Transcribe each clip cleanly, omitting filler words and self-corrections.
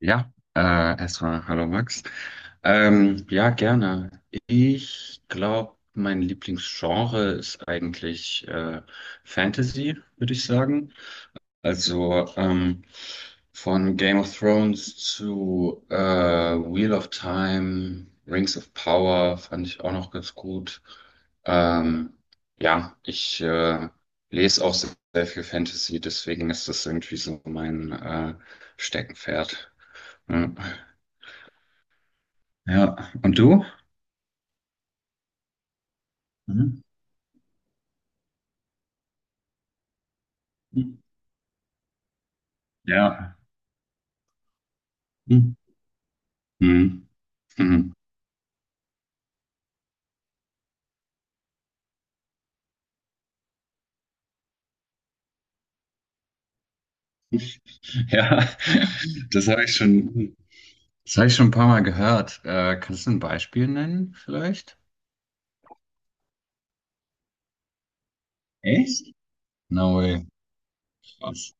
Ja, erstmal hallo Max. Ja, gerne. Ich glaube, mein Lieblingsgenre ist eigentlich Fantasy, würde ich sagen. Also ähm, von Game of Thrones zu Wheel of Time, Rings of Power fand ich auch noch ganz gut. Ähm, ja, ich lese auch sehr, sehr viel Fantasy, deswegen ist das irgendwie so mein Steckenpferd. Ja. Ja. Und du? Mhm. Mhm. Ja. Mhm. Mhm. Mhm. Ja, das habe ich schon, das habe ich schon ein paar Mal gehört. Kannst du ein Beispiel nennen, vielleicht? Echt? No way. Krass.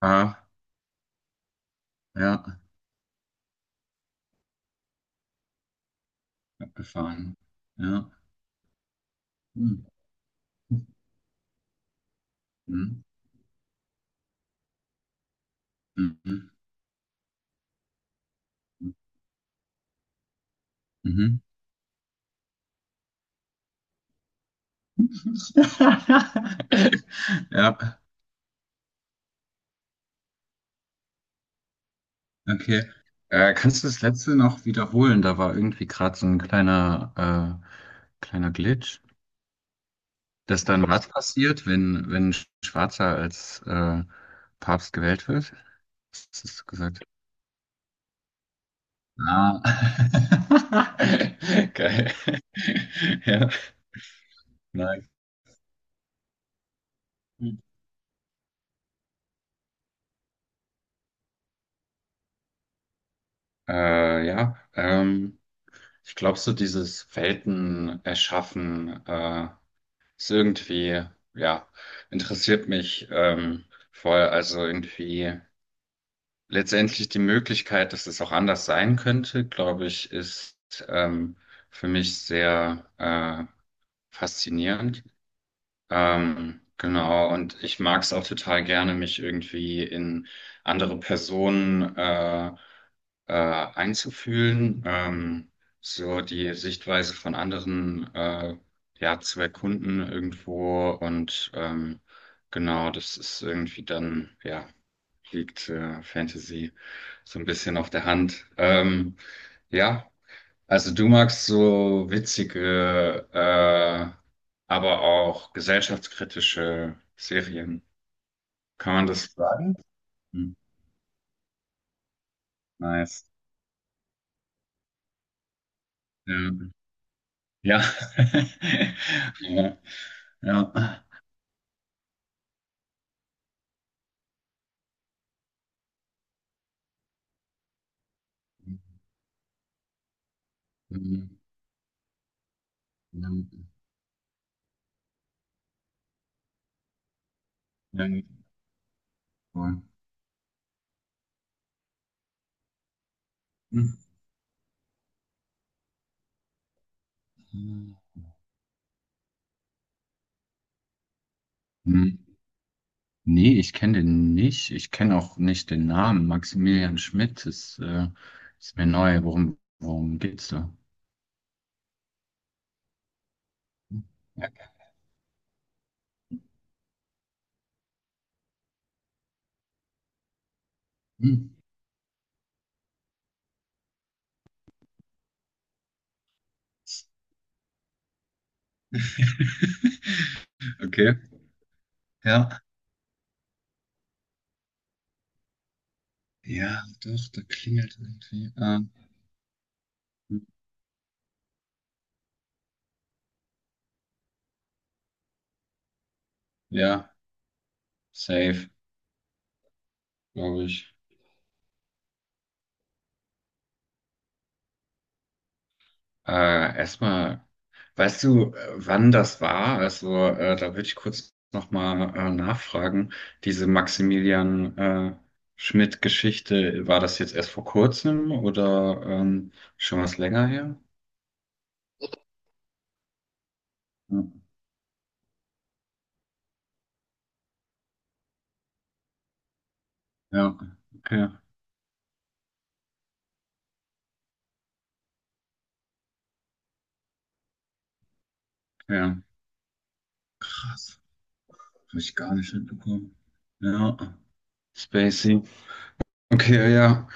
Ah, ja, abgefahren. Ja. Mhm. Mhm. Mhm. Mhm. Ja. Okay. Kannst du das letzte noch wiederholen? Da war irgendwie gerade so ein kleiner, kleiner Glitch. Dass dann was passiert, wenn ein Schwarzer als Papst gewählt wird? Was hast du gesagt? Ah. Geil. Ja, nice. Äh, ja, ähm, Ich glaube, so dieses Welten erschaffen ist irgendwie, ja, interessiert mich voll. Also irgendwie letztendlich die Möglichkeit, dass es auch anders sein könnte, glaube ich, ist ähm, für mich sehr faszinierend. Genau, und ich mag es auch total gerne, mich irgendwie in andere Personen einzufühlen, so die Sichtweise von anderen ja, zu erkunden irgendwo. Und genau, das ist irgendwie dann, ja, liegt Fantasy so ein bisschen auf der Hand. Ja. Also du magst so witzige, aber auch gesellschaftskritische Serien. Kann man das sagen? Hm, nice. Ja. Ja. Ja. Ja. Hm, ja, cool. Hm. Hm. Nee, ich kenne den nicht. Ich kenne auch nicht den Namen. Maximilian Schmidt ist, ist mir neu. Worum geht's da? Ja. Hm. Okay. Ja, ja, doch, da klingelt irgendwie. Ja, safe, glaube ich. Erstmal, weißt du, wann das war? Also, da würde ich kurz nochmal nachfragen. Diese Maximilian Schmidt-Geschichte, war das jetzt erst vor kurzem oder schon was länger her? Ja, ja, okay, ja. Krass, habe ich gar nicht mitbekommen. Ja, Spacey. Okay, ja.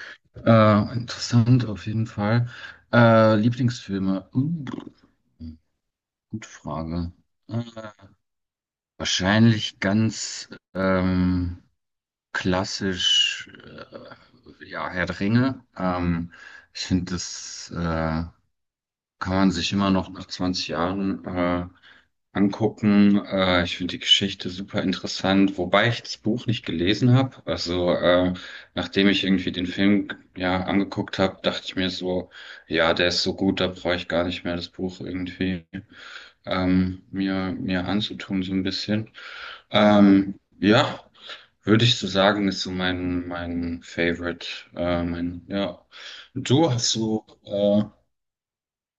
Interessant auf jeden Fall. Lieblingsfilme. Gute Frage. Äh, Wahrscheinlich ganz klassisch, ja, Herr der Ringe. Ich finde das kann man sich immer noch nach 20 Jahren angucken. Ich finde die Geschichte super interessant, wobei ich das Buch nicht gelesen habe. Nachdem ich irgendwie den Film ja angeguckt habe, dachte ich mir so, ja, der ist so gut, da brauche ich gar nicht mehr das Buch irgendwie mir anzutun so ein bisschen. Ja. Würde ich so sagen, ist so mein Favorite. Ja. Und du hast so,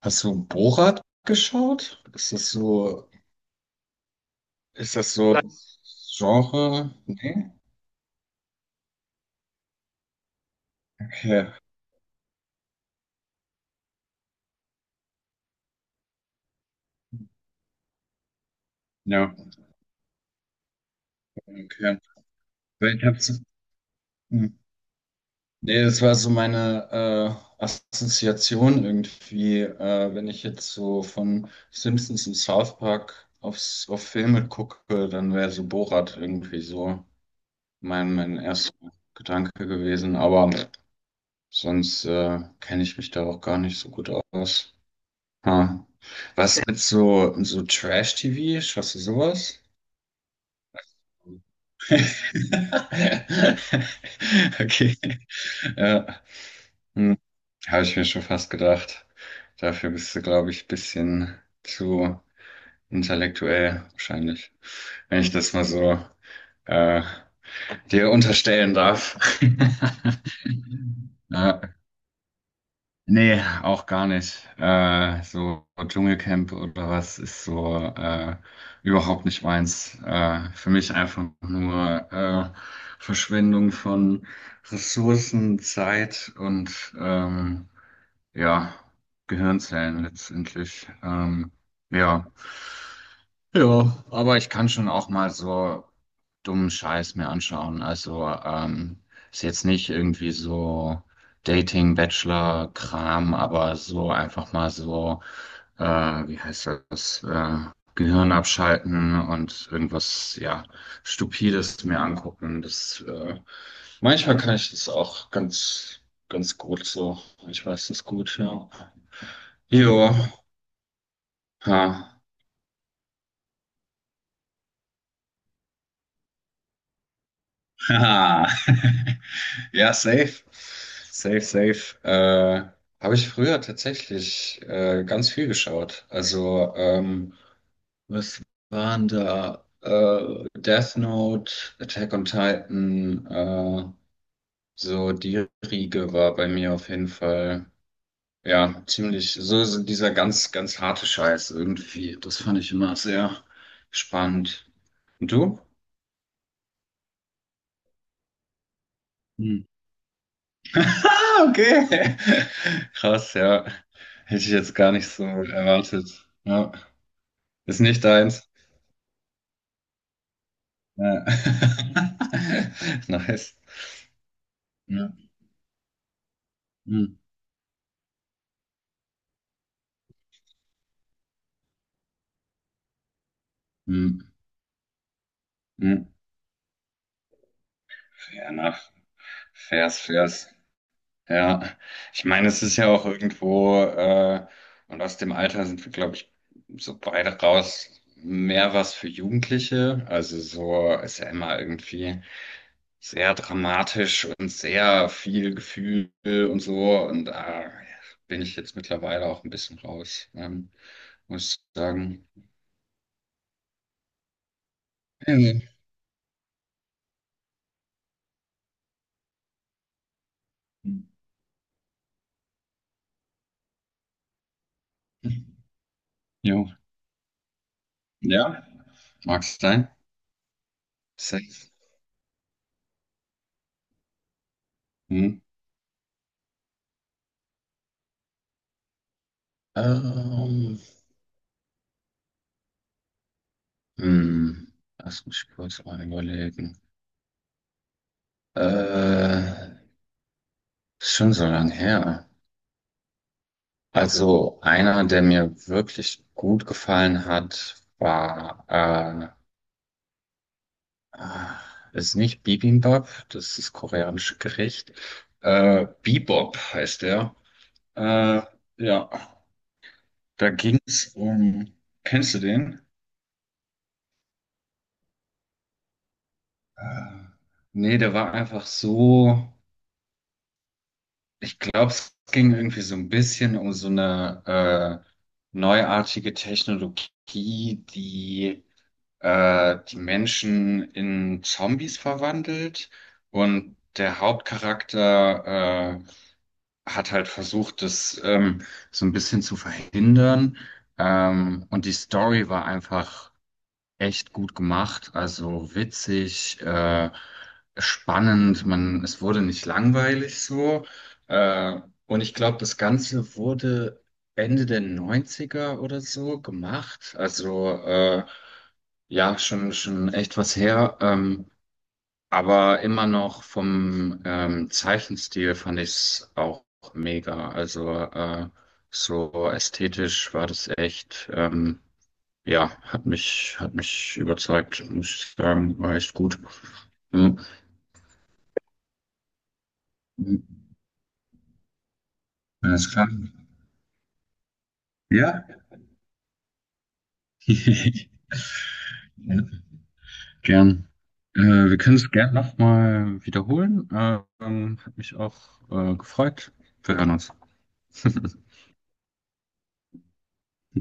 hast du Borat geschaut? Ist das so nein, Genre? Nee? Okay. Ja, okay. Weil ich hab's, hm, nee, das war so meine Assoziation irgendwie, wenn ich jetzt so von Simpsons und South Park auf Filme gucke, dann wäre so Borat irgendwie so mein erster Gedanke gewesen. Aber sonst kenne ich mich da auch gar nicht so gut aus. Ha. Was mit so, so Trash-TV? Schaust du sowas? Okay. Ja. Hm. Habe ich mir schon fast gedacht. Dafür bist du, glaube ich, ein bisschen zu intellektuell, wahrscheinlich. Wenn ich das mal so äh, dir unterstellen darf. Ja. Nee, auch gar nicht. So Dschungelcamp oder was ist so überhaupt nicht meins. Für mich einfach nur Verschwendung von Ressourcen, Zeit und ja, Gehirnzellen letztendlich. Ja. Ja, aber ich kann schon auch mal so dummen Scheiß mir anschauen. Ist jetzt nicht irgendwie so Dating, Bachelor, Kram, aber so einfach mal so, äh, wie heißt das, Gehirn abschalten und irgendwas, ja, Stupides mir angucken. Das, manchmal kann ich das auch ganz gut so. Ich weiß das gut, ja. Jo, ha. Haha. Ja, safe. Safe, safe. Habe ich früher tatsächlich ganz viel geschaut. Was waren da? Death Note, Attack on Titan, so die Riege war bei mir auf jeden Fall, ja, ziemlich, so, so dieser ganz harte Scheiß irgendwie. Das fand ich immer sehr spannend. Und du? Ah, okay. Krass, ja. Hätte ich jetzt gar nicht so erwartet. Ja. Ist nicht deins. Ja. Nice. Ja. Hm. Hm. Hm. Fair enough. Fairs, fairs. Ja. Ich meine, es ist ja auch irgendwo, und aus dem Alter sind wir, glaube ich, so beide raus, mehr was für Jugendliche. Also so ist ja immer irgendwie sehr dramatisch und sehr viel Gefühl und so. Und da bin ich jetzt mittlerweile auch ein bisschen raus, muss ich sagen. Ja. Jo. Ja, mag sein. Safe. Hm. Ähm, hm. Lass mich kurz mal überlegen. Äh, Ist schon so lang her. Also einer, der mir wirklich gut gefallen hat, war äh, ah, das ist nicht Bibimbap, das ist koreanisches Gericht. Bebop heißt der. Äh, ja, da ging es um. Kennst du den? Äh, Nee, der war einfach so. Ich glaube, es ging irgendwie so ein bisschen um so eine neuartige Technologie, die die Menschen in Zombies verwandelt. Und der Hauptcharakter hat halt versucht, das so ein bisschen zu verhindern. Und die Story war einfach echt gut gemacht, also witzig, spannend. Man, es wurde nicht langweilig so. Äh, und ich glaube, das Ganze wurde Ende der Neunziger oder so gemacht. Ja, schon, schon echt was her. Aber immer noch vom Zeichenstil fand ich es auch mega. So ästhetisch war das echt, ja, hat mich überzeugt, muss ich sagen, war echt gut. Ja, alles klar. Ja. Ja, gern. Äh, Wir können es gern nochmal wiederholen. Hat mich auch gefreut. Wir hören uns.